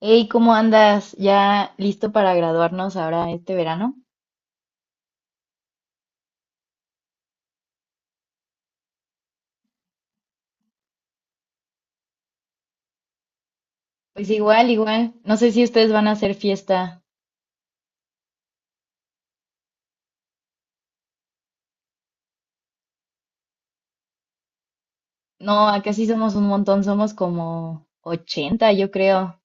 Hey, ¿cómo andas? ¿Ya listo para graduarnos ahora este verano? Pues igual, igual. No sé si ustedes van a hacer fiesta. No, acá sí somos un montón, somos como 80, yo creo.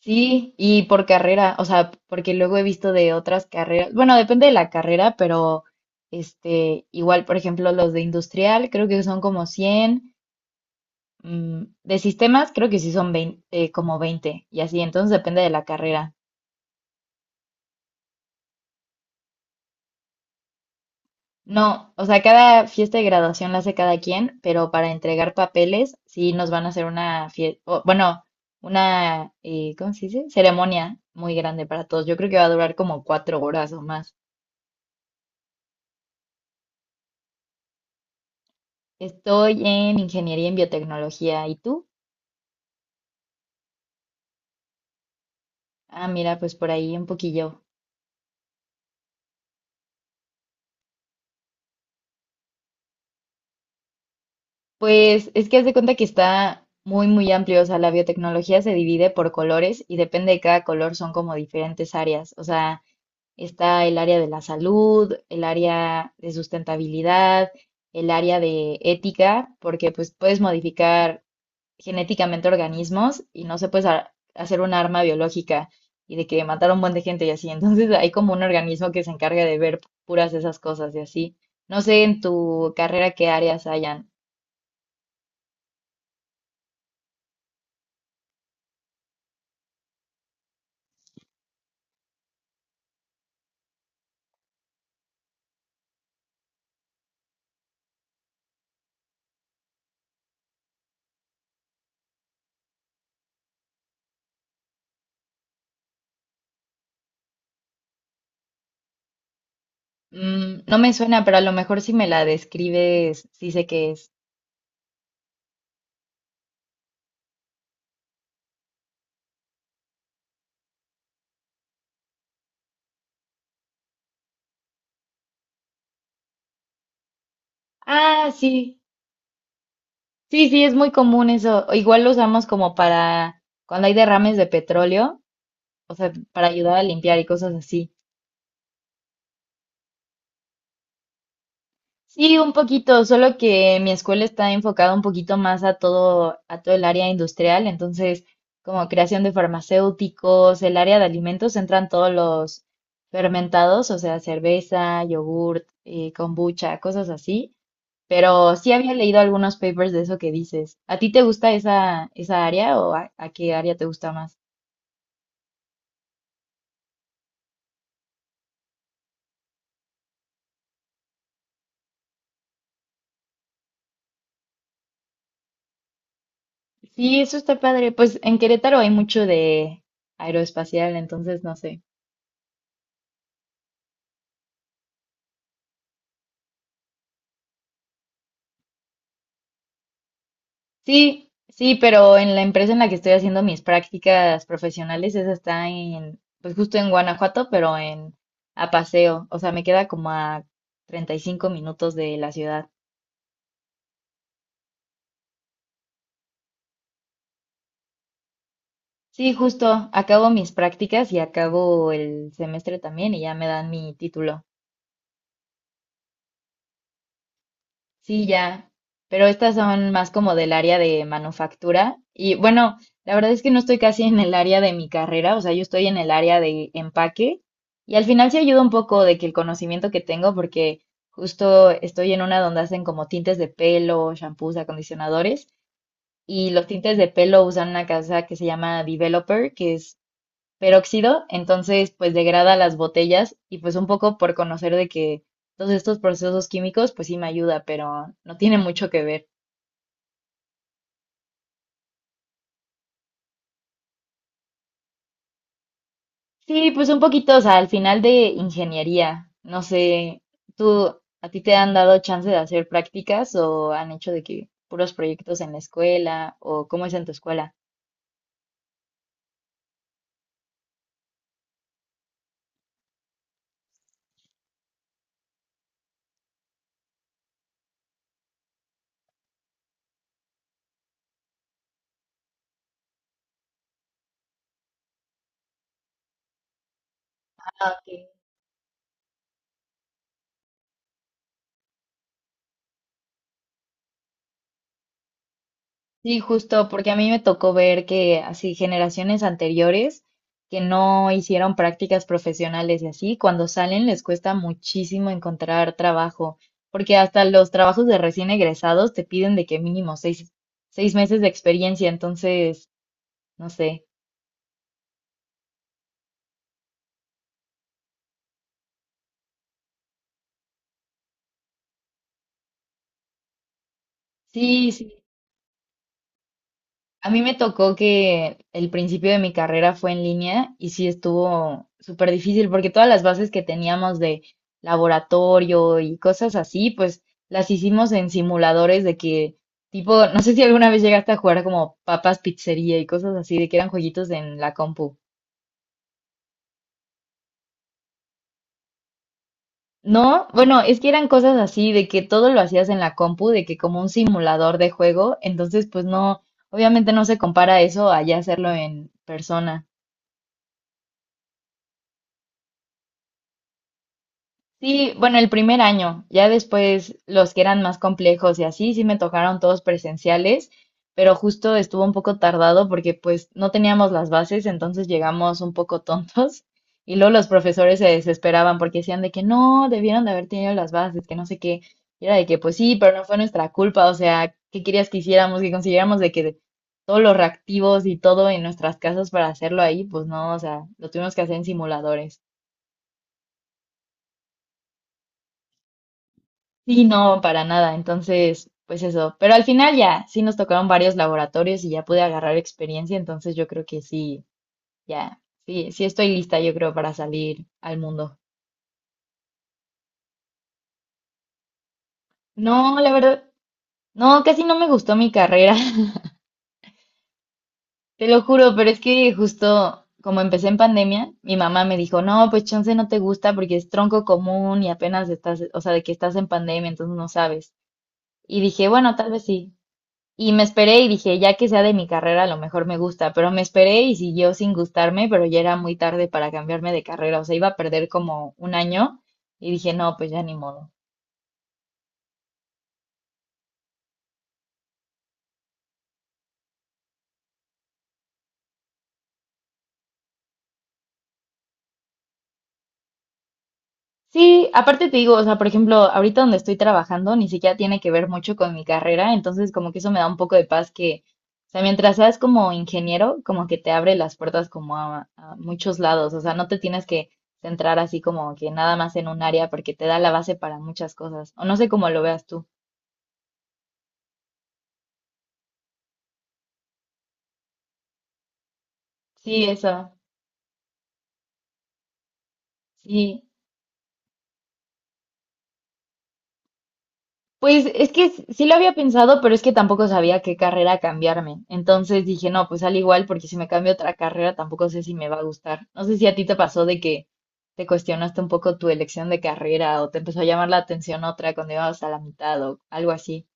Sí, y por carrera, o sea, porque luego he visto de otras carreras. Bueno, depende de la carrera, pero este, igual, por ejemplo, los de industrial, creo que son como 100. De sistemas, creo que sí son 20, como 20, y así, entonces depende de la carrera. No, o sea, cada fiesta de graduación la hace cada quien, pero para entregar papeles sí nos van a hacer una fiesta, bueno, una, ¿cómo se dice? Ceremonia muy grande para todos. Yo creo que va a durar como 4 horas o más. Estoy en ingeniería en biotecnología. ¿Y tú? Ah, mira, pues por ahí un poquillo. Pues es que haz de cuenta que está muy, muy amplio. O sea, la biotecnología se divide por colores y depende de cada color son como diferentes áreas. O sea, está el área de la salud, el área de sustentabilidad, el área de ética, porque pues puedes modificar genéticamente organismos y no se puede hacer un arma biológica y de que matar a un buen de gente y así. Entonces hay como un organismo que se encarga de ver puras esas cosas y así. No sé en tu carrera qué áreas hayan. No me suena, pero a lo mejor si me la describes, sí sé qué es. Ah, sí. Sí, sí, es muy común eso. Igual lo usamos como para cuando hay derrames de petróleo, o sea, para ayudar a limpiar y cosas así. Sí, un poquito, solo que mi escuela está enfocada un poquito más a todo el área industrial, entonces como creación de farmacéuticos, el área de alimentos entran todos los fermentados, o sea, cerveza, yogurt, kombucha, cosas así. Pero sí había leído algunos papers de eso que dices. ¿A ti te gusta esa área o a qué área te gusta más? Sí, eso está padre. Pues en Querétaro hay mucho de aeroespacial, entonces no sé. Sí, sí, pero en la empresa en la que estoy haciendo mis prácticas profesionales, esa está en, pues justo en Guanajuato, pero en a paseo. O sea, me queda como a 35 minutos de la ciudad. Sí, justo, acabo mis prácticas y acabo el semestre también y ya me dan mi título. Sí, ya, pero estas son más como del área de manufactura. Y bueno, la verdad es que no estoy casi en el área de mi carrera, o sea, yo estoy en el área de empaque. Y al final sí ayuda un poco de que el conocimiento que tengo, porque justo estoy en una donde hacen como tintes de pelo, shampoos, acondicionadores. Y los tintes de pelo usan una casa que se llama Developer, que es peróxido, entonces pues degrada las botellas y pues un poco por conocer de que todos estos procesos químicos pues sí me ayuda, pero no tiene mucho que ver. Sí, pues un poquito, o sea, al final de ingeniería, no sé, ¿tú a ti te han dado chance de hacer prácticas o han hecho de que puros proyectos en la escuela o cómo es en tu escuela? Ah, ok. Sí, justo, porque a mí me tocó ver que así generaciones anteriores que no hicieron prácticas profesionales y así, cuando salen les cuesta muchísimo encontrar trabajo, porque hasta los trabajos de recién egresados te piden de que mínimo seis meses de experiencia, entonces, no sé. Sí, a mí me tocó que el principio de mi carrera fue en línea y sí estuvo súper difícil porque todas las bases que teníamos de laboratorio y cosas así, pues las hicimos en simuladores de que tipo, no sé si alguna vez llegaste a jugar como papas pizzería y cosas así, de que eran jueguitos en la compu. No, bueno, es que eran cosas así de que todo lo hacías en la compu, de que como un simulador de juego, entonces pues no, obviamente no se compara eso a ya hacerlo en persona. Sí, bueno, el primer año, ya después los que eran más complejos y así, sí me tocaron todos presenciales, pero justo estuvo un poco tardado porque pues no teníamos las bases, entonces llegamos un poco tontos y luego los profesores se desesperaban porque decían de que no, debieron de haber tenido las bases, que no sé qué, y era de que pues sí, pero no fue nuestra culpa, o sea, ¿qué querías que hiciéramos? Que consiguiéramos de que todos los reactivos y todo en nuestras casas para hacerlo ahí, pues no, o sea, lo tuvimos que hacer en simuladores. Sí, no, para nada. Entonces, pues eso. Pero al final ya, sí nos tocaron varios laboratorios y ya pude agarrar experiencia. Entonces yo creo que sí, ya, sí, sí estoy lista, yo creo, para salir al mundo. No, la verdad, no, casi no me gustó mi carrera. Te lo juro, pero es que justo como empecé en pandemia, mi mamá me dijo, no, pues chance no te gusta porque es tronco común y apenas estás, o sea, de que estás en pandemia, entonces no sabes. Y dije, bueno, tal vez sí. Y me esperé y dije, ya que sea de mi carrera, a lo mejor me gusta, pero me esperé y siguió sin gustarme, pero ya era muy tarde para cambiarme de carrera, o sea, iba a perder como un año y dije, no, pues ya ni modo. Sí, aparte te digo, o sea, por ejemplo, ahorita donde estoy trabajando ni siquiera tiene que ver mucho con mi carrera, entonces como que eso me da un poco de paz que, o sea, mientras seas como ingeniero, como que te abre las puertas como a muchos lados, o sea, no te tienes que centrar así como que nada más en un área porque te da la base para muchas cosas, o no sé cómo lo veas tú. Sí, eso, sí. Pues es que sí lo había pensado, pero es que tampoco sabía qué carrera cambiarme. Entonces dije, no, pues al igual, porque si me cambio a otra carrera tampoco sé si me va a gustar. No sé si a ti te pasó de que te cuestionaste un poco tu elección de carrera o te empezó a llamar la atención otra cuando ibas a la mitad o algo así.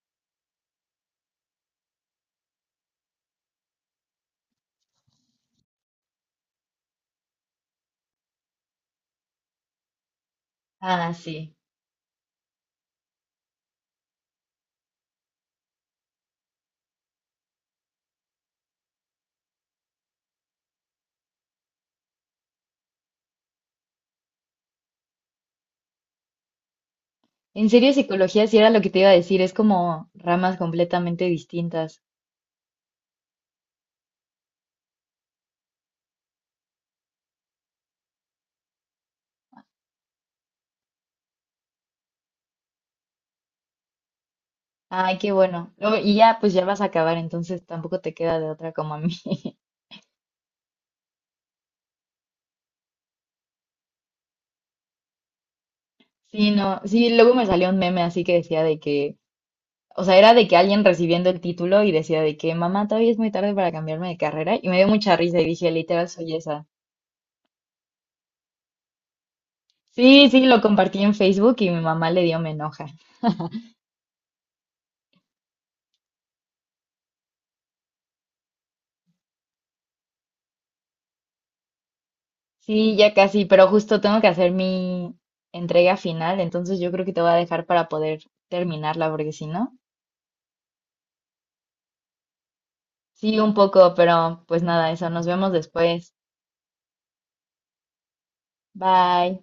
Ah, sí. En serio, psicología sí era lo que te iba a decir, es como ramas completamente distintas. Ay, qué bueno. Y ya, pues ya vas a acabar, entonces tampoco te queda de otra como a mí. Sí, no, sí, luego me salió un meme así que decía de que, o sea, era de que alguien recibiendo el título y decía de que, mamá, todavía es muy tarde para cambiarme de carrera y me dio mucha risa y dije, literal, soy esa. Sí, sí, lo compartí en Facebook y mi mamá le dio me enoja. Sí, ya casi, pero justo tengo que hacer mi entrega final, entonces yo creo que te voy a dejar para poder terminarla, porque si no, sí, un poco, pero pues nada, eso, nos vemos después. Bye.